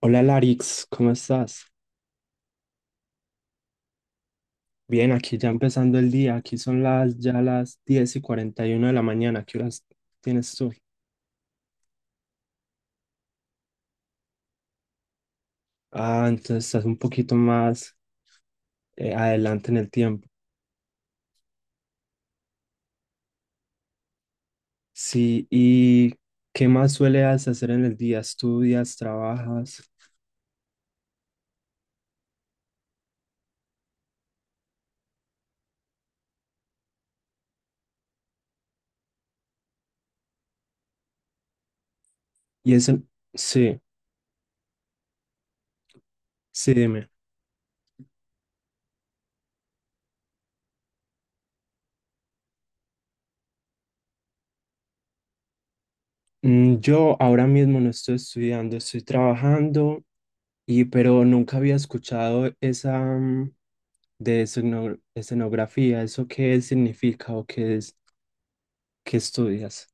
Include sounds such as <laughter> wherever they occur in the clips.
Hola Larix, ¿cómo estás? Bien, aquí ya empezando el día, aquí son las 10:41 de la mañana, ¿qué horas tienes tú? Ah, entonces estás un poquito más adelante en el tiempo. Sí, ¿y qué más sueles hacer en el día? ¿Estudias, trabajas? Y eso, sí, sí, dime. Mm. Yo ahora mismo no estoy estudiando, estoy trabajando, y pero nunca había escuchado esa, de escenografía, ¿eso qué significa o qué es, qué estudias?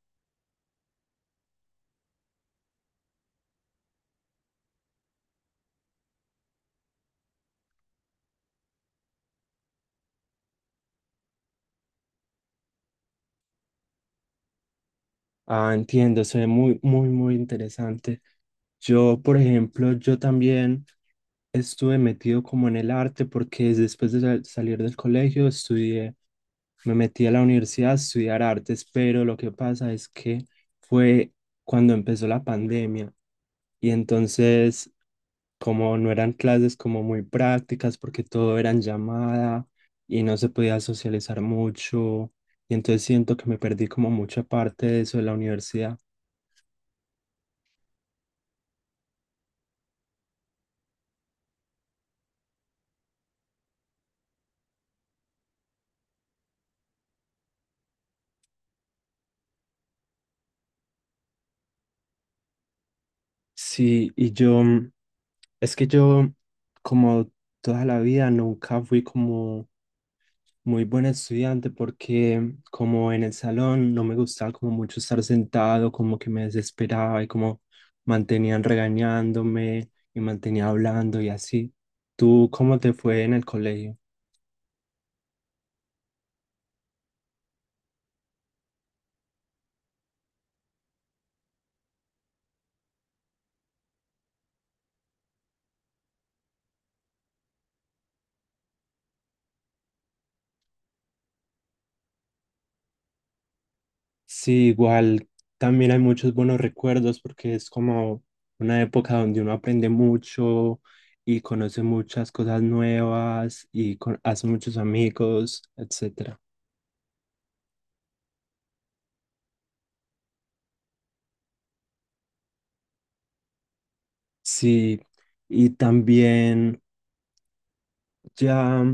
Ah, entiendo, se ve muy, muy, muy interesante. Yo, por ejemplo, yo también estuve metido como en el arte porque después de salir del colegio estudié, me metí a la universidad a estudiar artes, pero lo que pasa es que fue cuando empezó la pandemia. Y entonces, como no eran clases como muy prácticas, porque todo era en llamada y no se podía socializar mucho, y entonces siento que me perdí como mucha parte de eso de la universidad. Sí, y yo, es que yo como toda la vida nunca fui como muy buen estudiante porque como en el salón no me gustaba como mucho estar sentado, como que me desesperaba y como mantenían regañándome y mantenía hablando y así. ¿Tú cómo te fue en el colegio? Sí, igual también hay muchos buenos recuerdos porque es como una época donde uno aprende mucho y conoce muchas cosas nuevas y hace muchos amigos, etcétera. Sí, y también ya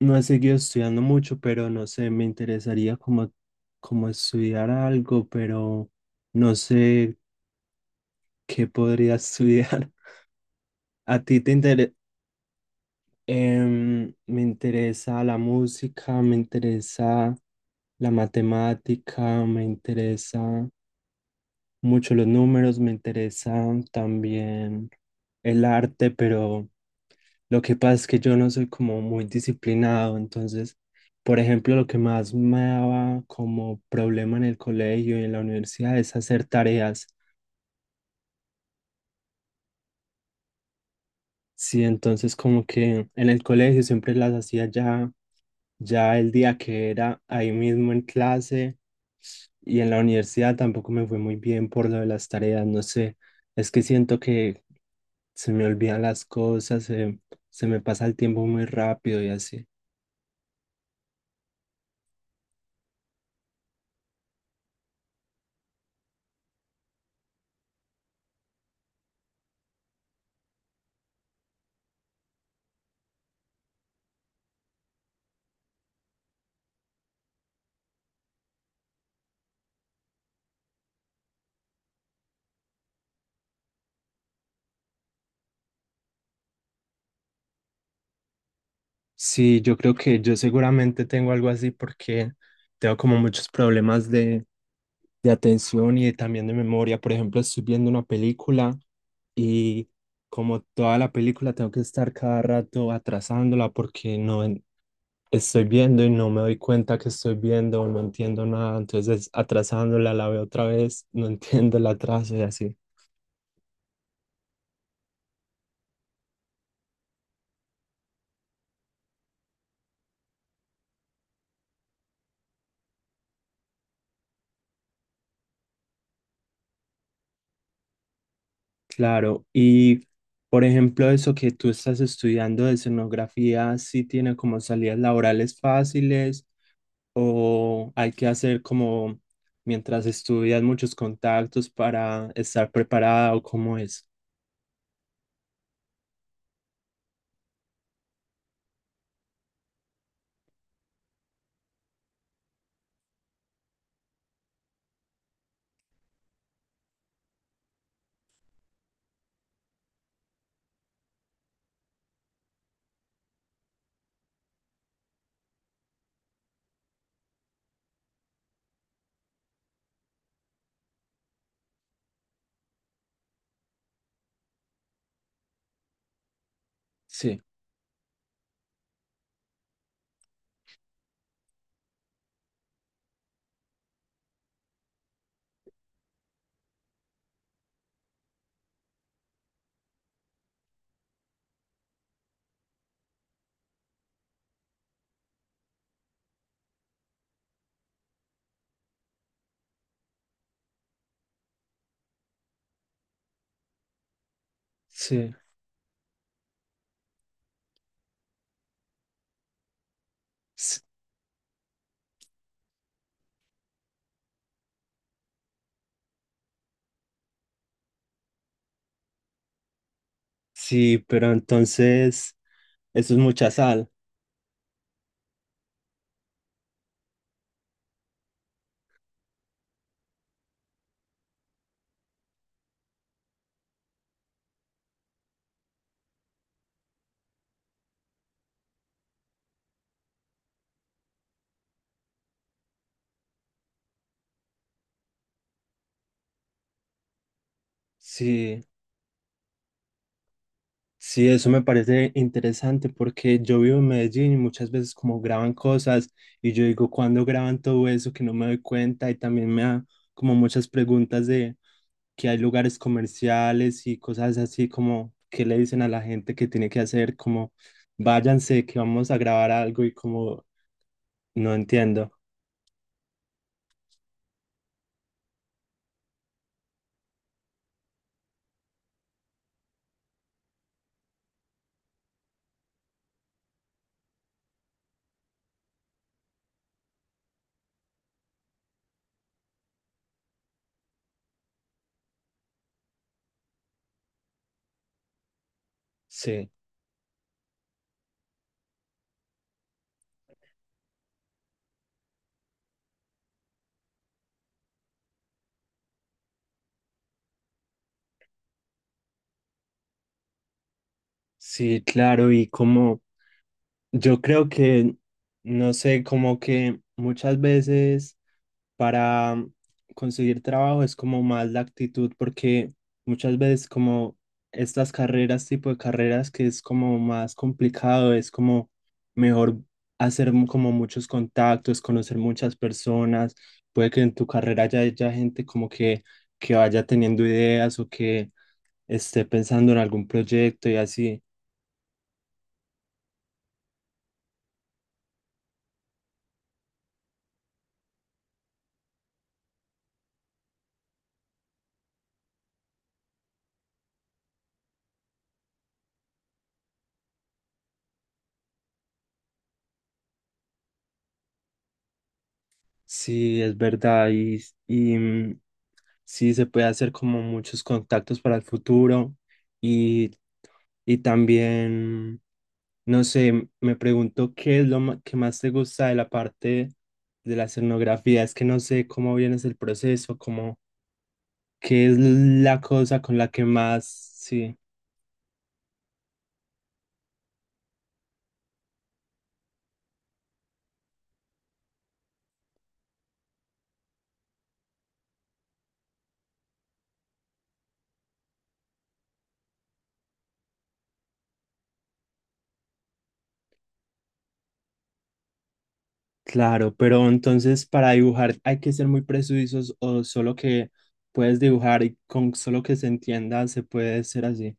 no he seguido estudiando mucho, pero no sé, me interesaría como, como estudiar algo, pero no sé qué podría <laughs> estudiar. ¿A ti te interesa? Me interesa la música, me interesa la matemática, me interesa mucho los números, me interesa también el arte, pero lo que pasa es que yo no soy como muy disciplinado, entonces, por ejemplo, lo que más me daba como problema en el colegio y en la universidad es hacer tareas. Sí, entonces como que en el colegio siempre las hacía ya, ya el día que era ahí mismo en clase, y en la universidad tampoco me fue muy bien por lo de las tareas, no sé, es que siento que se me olvidan las cosas, se me pasa el tiempo muy rápido y así. Sí, yo creo que yo seguramente tengo algo así porque tengo como muchos problemas de, atención y también de memoria. Por ejemplo, estoy viendo una película y como toda la película tengo que estar cada rato atrasándola porque no en- estoy viendo y no me doy cuenta que estoy viendo, no entiendo nada. Entonces atrasándola, la veo otra vez, no <laughs> entiendo el atraso y así. Claro, y por ejemplo, eso que tú estás estudiando de escenografía, ¿sí tiene como salidas laborales fáciles o hay que hacer como, mientras estudias, muchos contactos para estar preparada o cómo es? Sí, sí, s- sí, pero entonces eso es mucha sal. Sí. Sí, eso me parece interesante porque yo vivo en Medellín y muchas veces como graban cosas y yo digo, ¿cuándo graban todo eso que no me doy cuenta? Y también me da como muchas preguntas de que hay lugares comerciales y cosas así, como que le dicen a la gente que tiene que hacer, como, váyanse que vamos a grabar algo, y como no entiendo. Sí, sí, claro, y como yo creo que, no sé, como que muchas veces para conseguir trabajo es como más la actitud, porque muchas veces como estas carreras, tipo de carreras que es como más complicado, es como mejor hacer como muchos contactos, conocer muchas personas, puede que en tu carrera ya haya gente como que vaya teniendo ideas o que esté pensando en algún proyecto y así. Sí, es verdad. Y, sí se puede hacer como muchos contactos para el futuro, y, y también, no sé, me pregunto qué es lo que más te gusta de la parte de la escenografía. Es que no sé cómo vienes el proceso, como qué es la cosa con la que más, sí, claro, pero entonces para dibujar hay que ser muy precisos o solo que puedes dibujar y con solo que se entienda se puede ser así.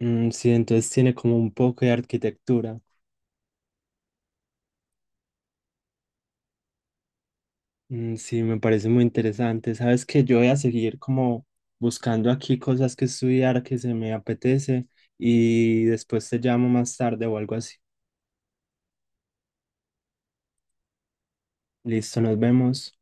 Mm, sí, entonces tiene como un poco de arquitectura. Mm. Sí, me parece muy interesante. Sabes que yo voy a seguir como buscando aquí cosas que estudiar que se me apetece y después te llamo más tarde o algo así. Listo, nos vemos.